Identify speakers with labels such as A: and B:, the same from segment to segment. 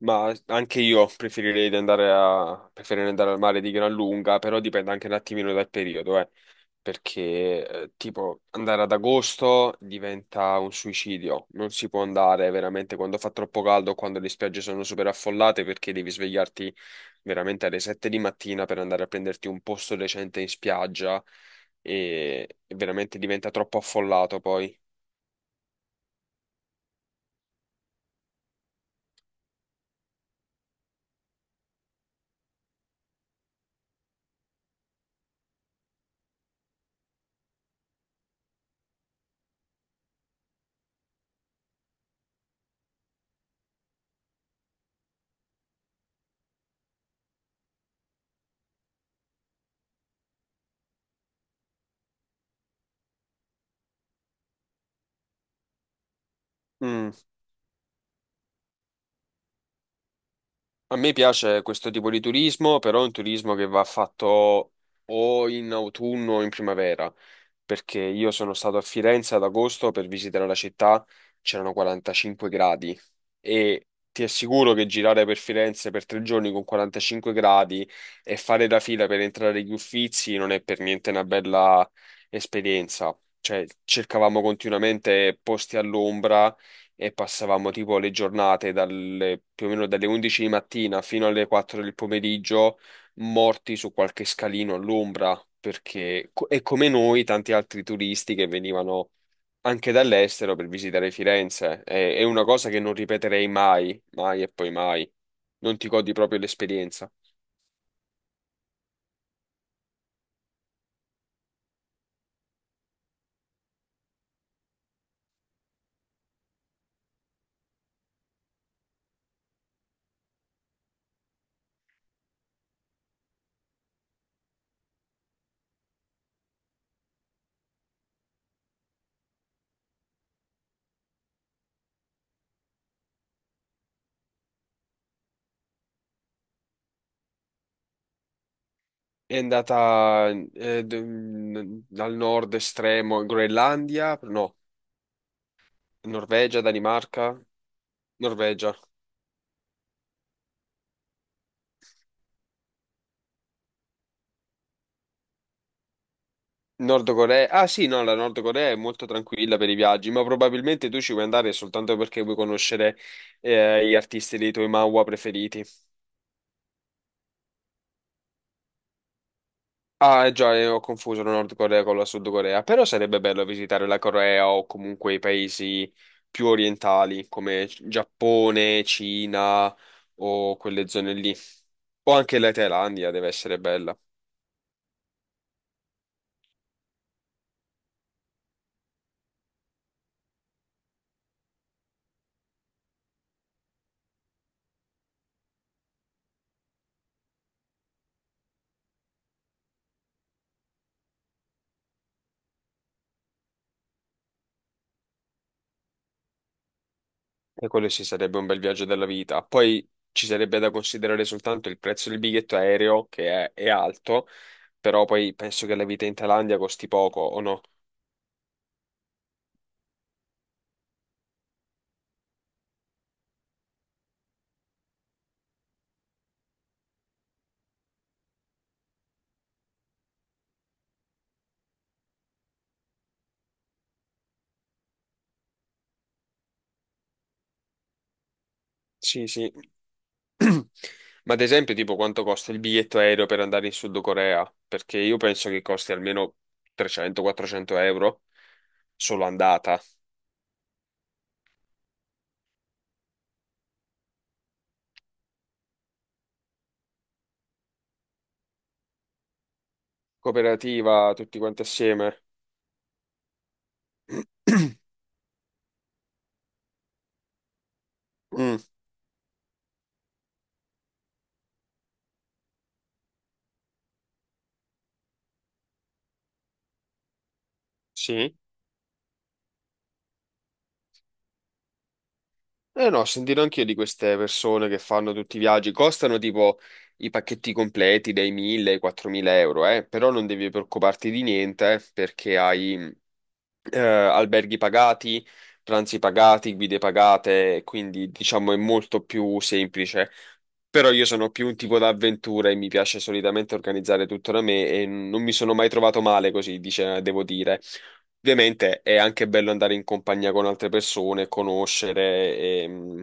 A: Ma anche io preferirei andare al mare di gran lunga, però dipende anche un attimino dal periodo, perché tipo andare ad agosto diventa un suicidio, non si può andare veramente quando fa troppo caldo, o quando le spiagge sono super affollate, perché devi svegliarti veramente alle 7 di mattina per andare a prenderti un posto decente in spiaggia e veramente diventa troppo affollato poi. Mm. A me piace questo tipo di turismo, però è un turismo che va fatto o in autunno o in primavera perché io sono stato a Firenze ad agosto per visitare la città. C'erano 45 gradi e ti assicuro che girare per Firenze per 3 giorni con 45 gradi e fare la fila per entrare agli Uffizi non è per niente una bella esperienza. Cioè, cercavamo continuamente posti all'ombra e passavamo tipo le giornate dalle, più o meno dalle 11 di mattina fino alle 4 del pomeriggio morti su qualche scalino all'ombra, perché, e come noi, tanti altri turisti che venivano anche dall'estero per visitare Firenze. È una cosa che non ripeterei mai, mai e poi mai. Non ti godi proprio l'esperienza. È andata dal nord estremo in Groenlandia, no, Norvegia, Danimarca, Norvegia. Nord Corea. Ah sì, no, la Nord Corea è molto tranquilla per i viaggi, ma probabilmente tu ci vuoi andare soltanto perché vuoi conoscere, gli artisti dei tuoi manhwa preferiti. Ah, già, ho confuso la Nord Corea con la Sud Corea, però sarebbe bello visitare la Corea o comunque i paesi più orientali come Giappone, Cina o quelle zone lì. O anche la Thailandia deve essere bella. E quello sì sarebbe un bel viaggio della vita. Poi ci sarebbe da considerare soltanto il prezzo del biglietto aereo, che è alto, però poi penso che la vita in Thailandia costi poco, o no? Sì, sì. Ma ad esempio, tipo, quanto costa il biglietto aereo per andare in Sud Corea? Perché io penso che costi almeno 300-400 € solo andata. Cooperativa, tutti quanti assieme. Mm, sì. Eh no, ho sentito anch'io di queste persone che fanno tutti i viaggi. Costano tipo i pacchetti completi dai 1000 ai 4000 euro, eh? Però non devi preoccuparti di niente, perché hai, alberghi pagati, pranzi pagati, guide pagate, quindi diciamo è molto più semplice. Però io sono più un tipo da avventura e mi piace solitamente organizzare tutto da me e non mi sono mai trovato male così, dice, devo dire. Ovviamente è anche bello andare in compagnia con altre persone, conoscere e, mh,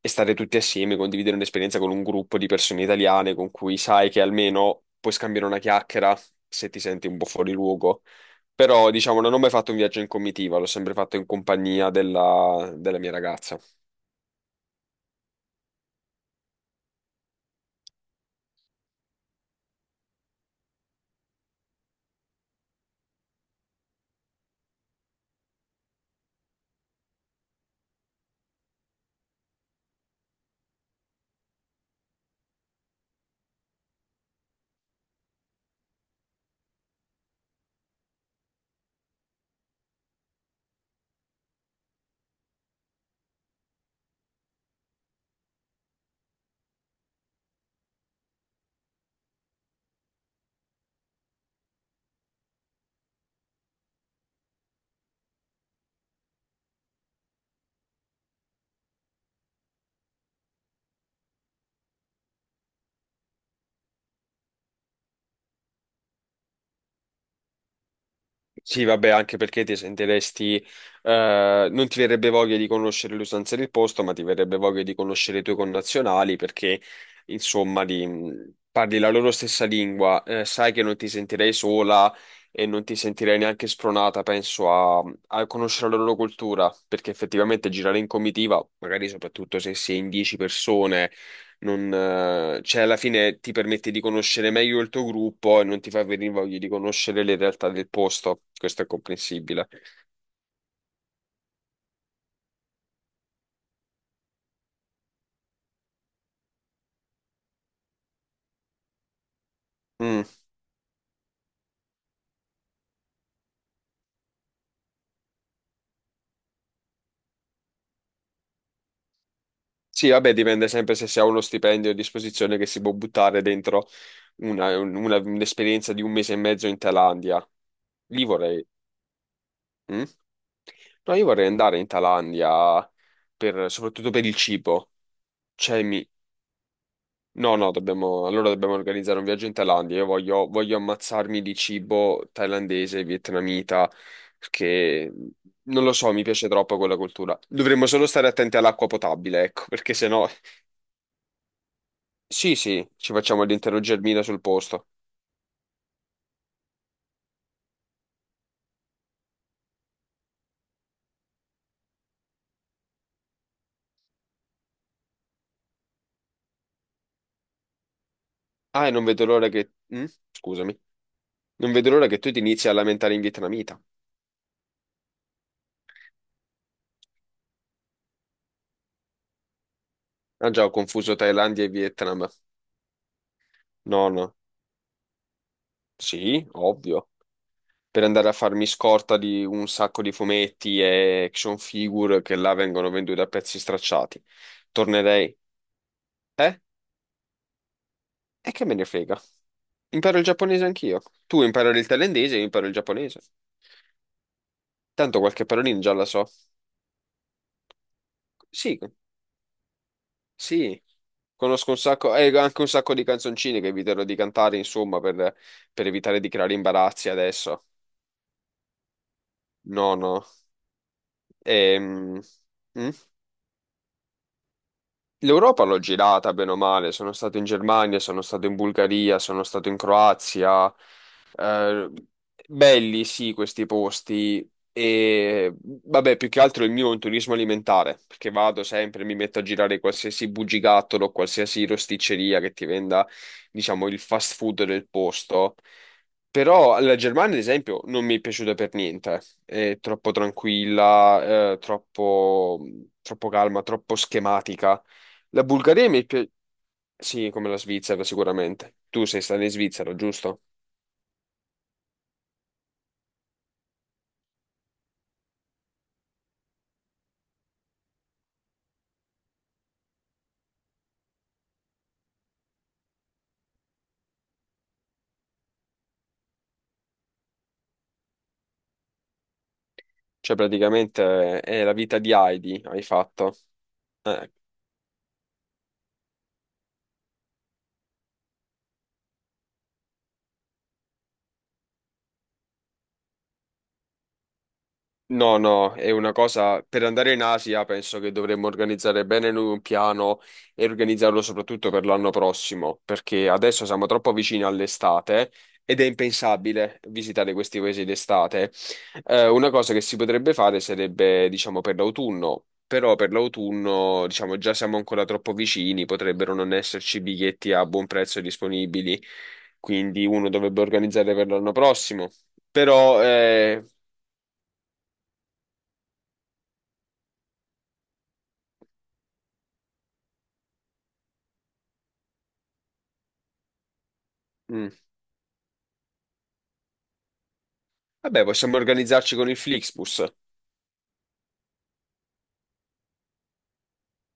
A: e stare tutti assieme, condividere un'esperienza con un gruppo di persone italiane con cui sai che almeno puoi scambiare una chiacchiera se ti senti un po' fuori luogo. Però, diciamo, non ho mai fatto un viaggio in comitiva, l'ho sempre fatto in compagnia della mia ragazza. Sì, vabbè, anche perché ti sentiresti, non ti verrebbe voglia di conoscere le usanze del posto, ma ti verrebbe voglia di conoscere i tuoi connazionali perché, insomma, parli la loro stessa lingua, sai che non ti sentirei sola e non ti sentirei neanche spronata, penso, a conoscere la loro cultura, perché effettivamente girare in comitiva, magari soprattutto se si è in 10 persone. Non, cioè, alla fine ti permette di conoscere meglio il tuo gruppo e non ti fa venire voglia di conoscere le realtà del posto. Questo è comprensibile. Mm. Sì, vabbè, dipende sempre se si ha uno stipendio a disposizione che si può buttare dentro un'esperienza di un mese e mezzo in Thailandia. Lì vorrei. Mm? No, io vorrei andare in Thailandia, soprattutto per il cibo. Cioè, no, no, allora dobbiamo organizzare un viaggio in Thailandia. Io voglio ammazzarmi di cibo thailandese, vietnamita, perché non lo so, mi piace troppo quella cultura. Dovremmo solo stare attenti all'acqua potabile, ecco, perché sennò. Sì, sì, ci facciamo l'intero germina sul posto. Ah, e non vedo l'ora che. Mm? Scusami. Non vedo l'ora che tu ti inizi a lamentare in vietnamita. Ah già, ho confuso Thailandia e Vietnam. No, no. Sì, ovvio. Per andare a farmi scorta di un sacco di fumetti e action figure che là vengono venduti a pezzi stracciati. Tornerei. Eh? E che me ne frega? Imparo il giapponese anch'io. Tu imparo il thailandese, io imparo il giapponese. Tanto qualche parolina già la so. Sì, sì. Conosco un sacco, e anche un sacco di canzoncine che eviterò di cantare, insomma, per evitare di creare imbarazzi adesso. No, no. Ehm, mm? L'Europa l'ho girata bene o male, sono stato in Germania, sono stato in Bulgaria, sono stato in Croazia. Eh, belli sì questi posti e vabbè, più che altro il mio è un turismo alimentare, perché vado sempre, mi metto a girare qualsiasi bugigattolo, qualsiasi rosticceria che ti venda, diciamo, il fast food del posto. Però la Germania, ad esempio, non mi è piaciuta per niente. È troppo tranquilla, troppo calma, troppo schematica. La Bulgaria mi piace, sì, come la Svizzera sicuramente. Tu sei stato in Svizzera, giusto? Cioè praticamente, è la vita di Heidi, hai fatto. Eh, No, no, è una cosa per andare in Asia penso che dovremmo organizzare bene noi un piano e organizzarlo soprattutto per l'anno prossimo, perché adesso siamo troppo vicini all'estate ed è impensabile visitare questi paesi d'estate. Una cosa che si potrebbe fare sarebbe, diciamo, per l'autunno, però per l'autunno, diciamo, già siamo ancora troppo vicini, potrebbero non esserci biglietti a buon prezzo disponibili, quindi uno dovrebbe organizzare per l'anno prossimo. Però, mm. Vabbè, possiamo organizzarci con il Flixbus.